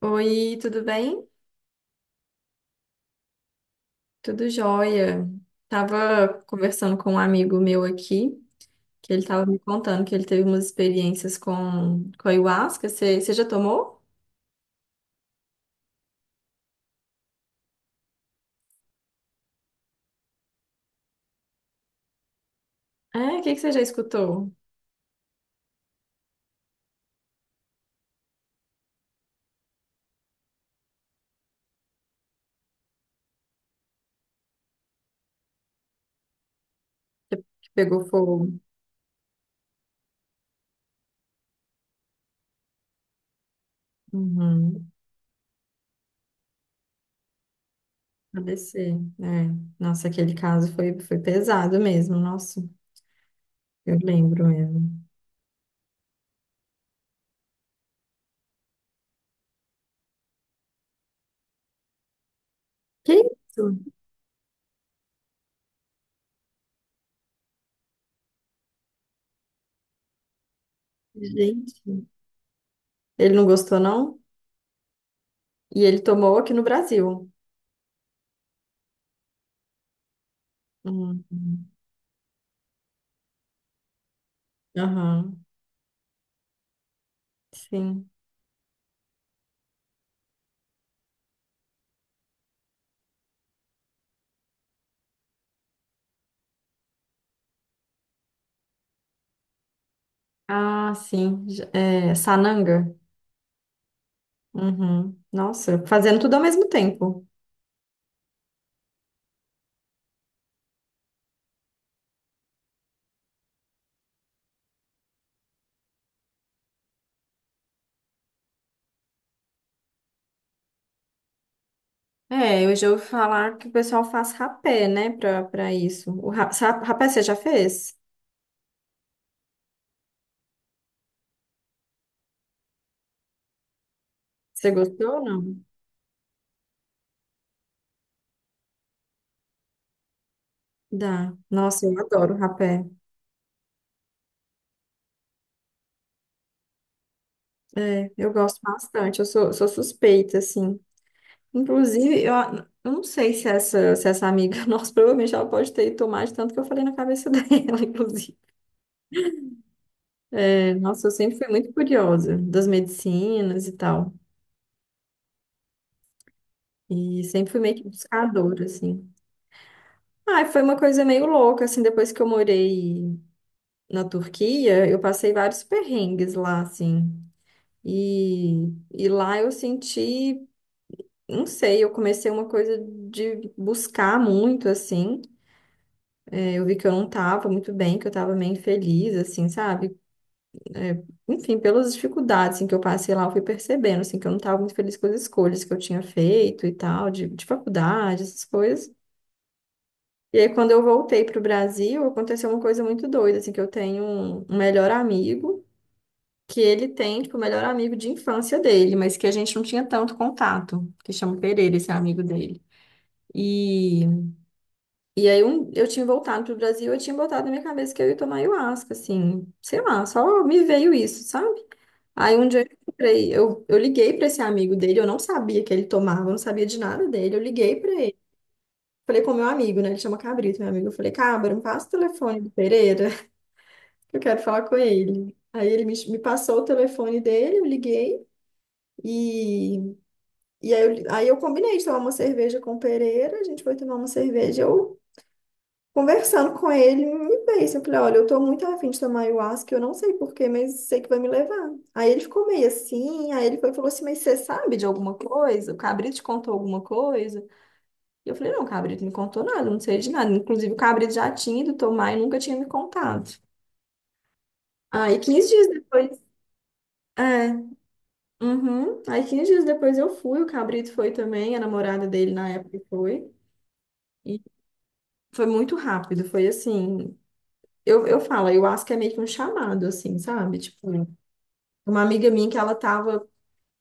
Oi, tudo bem? Tudo jóia. Tava conversando com um amigo meu aqui, que ele tava me contando que ele teve umas experiências com ayahuasca. Você já tomou? É, o que que você já escutou? Que pegou fogo. Uhum. ADC. É. Nossa, aquele caso foi pesado mesmo. Nossa, eu lembro mesmo. Que isso? Gente. Ele não gostou, não? E ele tomou aqui no Brasil. Uhum. Aham. Sim. Ah, sim. É, Sananga. Uhum. Nossa, fazendo tudo ao mesmo tempo. É, eu já ouvi falar que o pessoal faz rapé, né, pra isso. O rapé você já fez? Você gostou ou não? Dá. Nossa, eu adoro rapé. É, eu gosto bastante. Eu sou suspeita, assim. Inclusive, eu não sei se essa amiga, nossa, provavelmente ela pode ter ido tomar de tanto que eu falei na cabeça dela, inclusive. É, nossa, eu sempre fui muito curiosa das medicinas e tal. E sempre fui meio que buscadora, assim. Ah, foi uma coisa meio louca, assim, depois que eu morei na Turquia, eu passei vários perrengues lá, assim. E lá eu senti, não sei, eu comecei uma coisa de buscar muito, assim. É, eu vi que eu não tava muito bem, que eu tava meio infeliz, assim, sabe? É, enfim, pelas dificuldades, assim, que eu passei lá, eu fui percebendo, assim, que eu não tava muito feliz com as escolhas que eu tinha feito e tal, de faculdade, essas coisas. E aí, quando eu voltei pro Brasil, aconteceu uma coisa muito doida, assim, que eu tenho um melhor amigo, que ele tem, tipo, o melhor amigo de infância dele, mas que a gente não tinha tanto contato, que chama Pereira, esse amigo dele. E, e aí, eu tinha voltado pro Brasil, eu tinha botado na minha cabeça que eu ia tomar ayahuasca, assim, sei lá, só me veio isso, sabe? Aí, um dia eu encontrei, eu liguei para esse amigo dele, eu não sabia que ele tomava, eu não sabia de nada dele, eu liguei para ele. Falei com o meu amigo, né? Ele chama Cabrito, meu amigo. Eu falei, Cabra, me passa o telefone do Pereira. Eu quero falar com ele. Aí ele me passou o telefone dele, eu liguei e, e aí, aí eu combinei de tomar uma cerveja com o Pereira, a gente foi tomar uma cerveja. Eu conversando com ele, me fez. Eu falei, olha, eu tô muito afim de tomar ayahuasca, eu não sei porquê, mas sei que vai me levar. Aí ele ficou meio assim, aí ele foi, e falou assim, mas você sabe de alguma coisa? O Cabrito te contou alguma coisa? E eu falei, não, o Cabrito não me contou nada, não sei de nada. Inclusive o Cabrito já tinha ido tomar e nunca tinha me contado. Aí 15 dias depois. É. Uhum. Aí 15 dias depois eu fui, o Cabrito foi também, a namorada dele na época foi. E foi muito rápido, foi assim. Eu falo, eu acho que é meio que um chamado, assim, sabe? Tipo, uma amiga minha que ela tava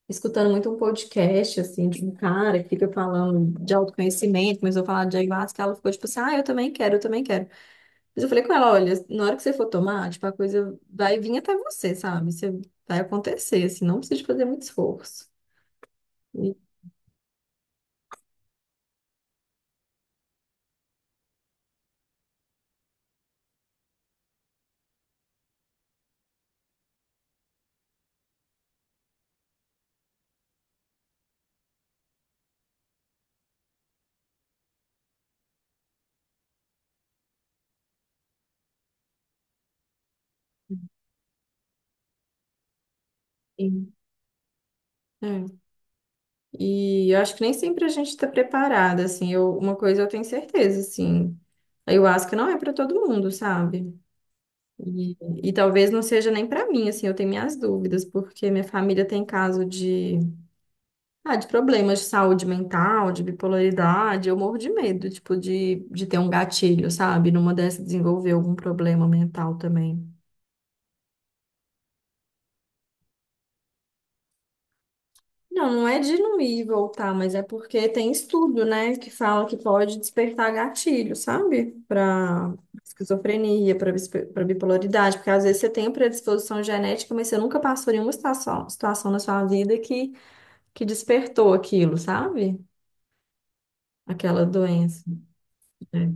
escutando muito um podcast, assim, de um cara que fica falando de autoconhecimento, começou a falar de ayahuasca, ela ficou tipo assim, ah, eu também quero, eu também quero. Mas eu falei com ela, olha, na hora que você for tomar, tipo, a coisa vai vir até você, sabe? Você vai acontecer, assim, não precisa de fazer muito esforço. E, e- é. E eu acho que nem sempre a gente está preparada, assim. Uma coisa eu tenho certeza, assim. A Ayahuasca não é para todo mundo, sabe? E, e talvez não seja nem para mim, assim. Eu tenho minhas dúvidas, porque minha família tem caso de, ah, de problemas de saúde mental, de bipolaridade. Eu morro de medo, tipo, de ter um gatilho, sabe? Numa dessas desenvolver algum problema mental também. Não, não é de não ir e voltar, mas é porque tem estudo, né, que fala que pode despertar gatilho, sabe? Para esquizofrenia, para bipolaridade, porque às vezes você tem a predisposição genética, mas você nunca passou nenhuma situação na sua vida que, despertou aquilo, sabe? Aquela doença. É,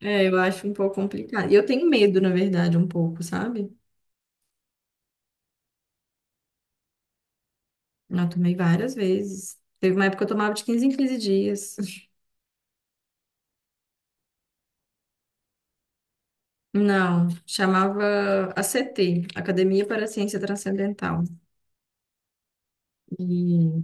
É, eu acho um pouco complicado. E eu tenho medo, na verdade, um pouco, sabe? Eu tomei várias vezes. Teve uma época que eu tomava de 15 em 15 dias. Não, chamava ACT, Academia para a Ciência Transcendental. E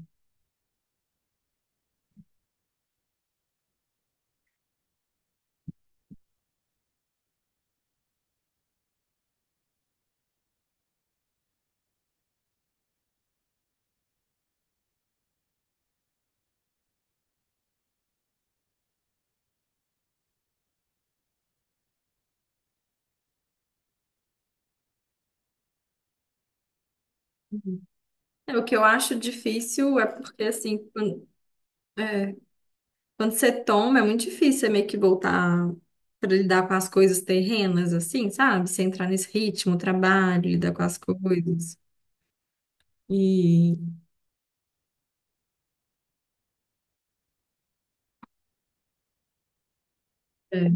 Uhum. É, o que eu acho difícil é porque, assim, é, quando você toma, é muito difícil você meio que voltar para lidar com as coisas terrenas, assim, sabe? Você entrar nesse ritmo, trabalho, lidar com as coisas. E é,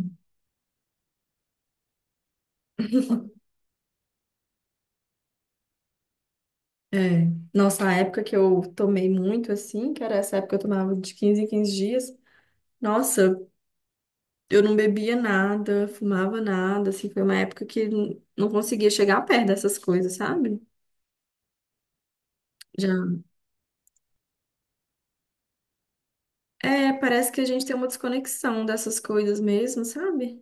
é. Nossa, a época que eu tomei muito, assim, que era essa época que eu tomava de 15 em 15 dias, nossa. Eu não bebia nada, fumava nada, assim, foi uma época que não conseguia chegar perto dessas coisas, sabe? Já. É, parece que a gente tem uma desconexão dessas coisas mesmo, sabe?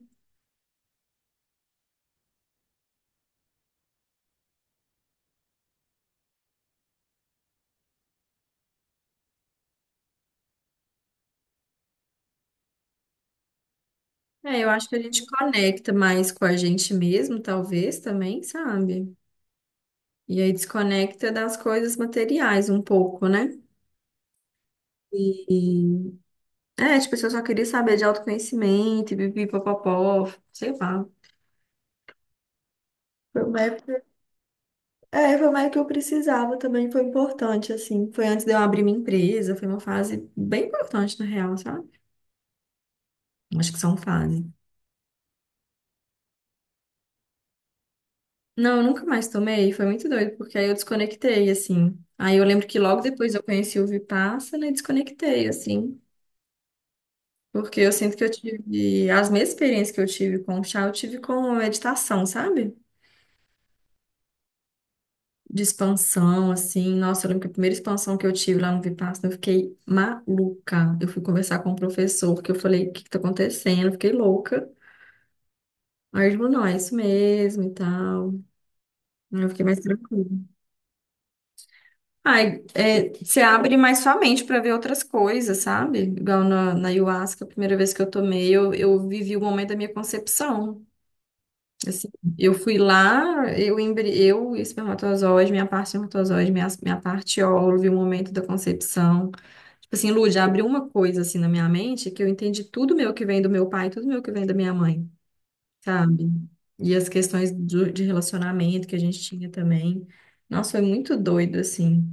É, eu acho que a gente conecta mais com a gente mesmo, talvez também, sabe? E aí desconecta das coisas materiais um pouco, né? E, tipo, se eu só queria saber de autoconhecimento, e pipipopopó, sei lá. Foi uma época. É, foi mais que eu precisava também, foi importante, assim. Foi antes de eu abrir minha empresa, foi uma fase bem importante, na real, sabe? Acho que são fases. Não, eu nunca mais tomei, foi muito doido, porque aí eu desconectei, assim. Aí eu lembro que logo depois eu conheci o Vipassana e desconectei, assim. Porque eu sinto que eu tive as mesmas experiências que eu tive com o chá, eu tive com a meditação, sabe? De expansão, assim. Nossa, eu lembro que a primeira expansão que eu tive lá no Vipassana, eu fiquei maluca. Eu fui conversar com o professor, que eu falei, o que que tá acontecendo? Eu fiquei louca. Aí ele falou, não, é isso mesmo e tal. Aí eu fiquei mais tranquila. Ai, é, você abre mais sua mente para ver outras coisas, sabe? Igual na ayahuasca, a primeira vez que eu tomei, eu vivi o momento da minha concepção. Assim, eu fui lá, eu e o espermatozoide, minha parte espermatozoide, minha parte óvulo, e o momento da concepção. Tipo assim, Lu, já abriu uma coisa assim na minha mente que eu entendi tudo meu que vem do meu pai, tudo meu que vem da minha mãe, sabe? E as questões de relacionamento que a gente tinha também. Nossa, foi muito doido, assim.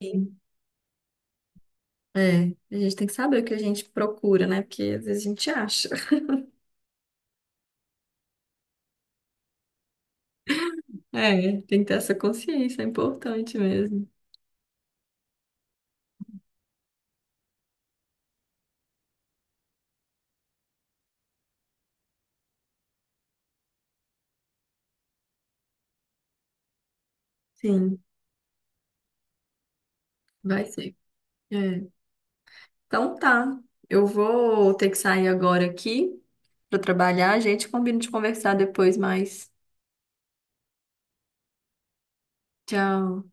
Sim. É, a gente tem que saber o que a gente procura, né? Porque às vezes a gente acha. É, tem que ter essa consciência, é importante mesmo. Sim, vai ser. É. Então tá. Eu vou ter que sair agora aqui para trabalhar. A gente combina de conversar depois mais. Tchau.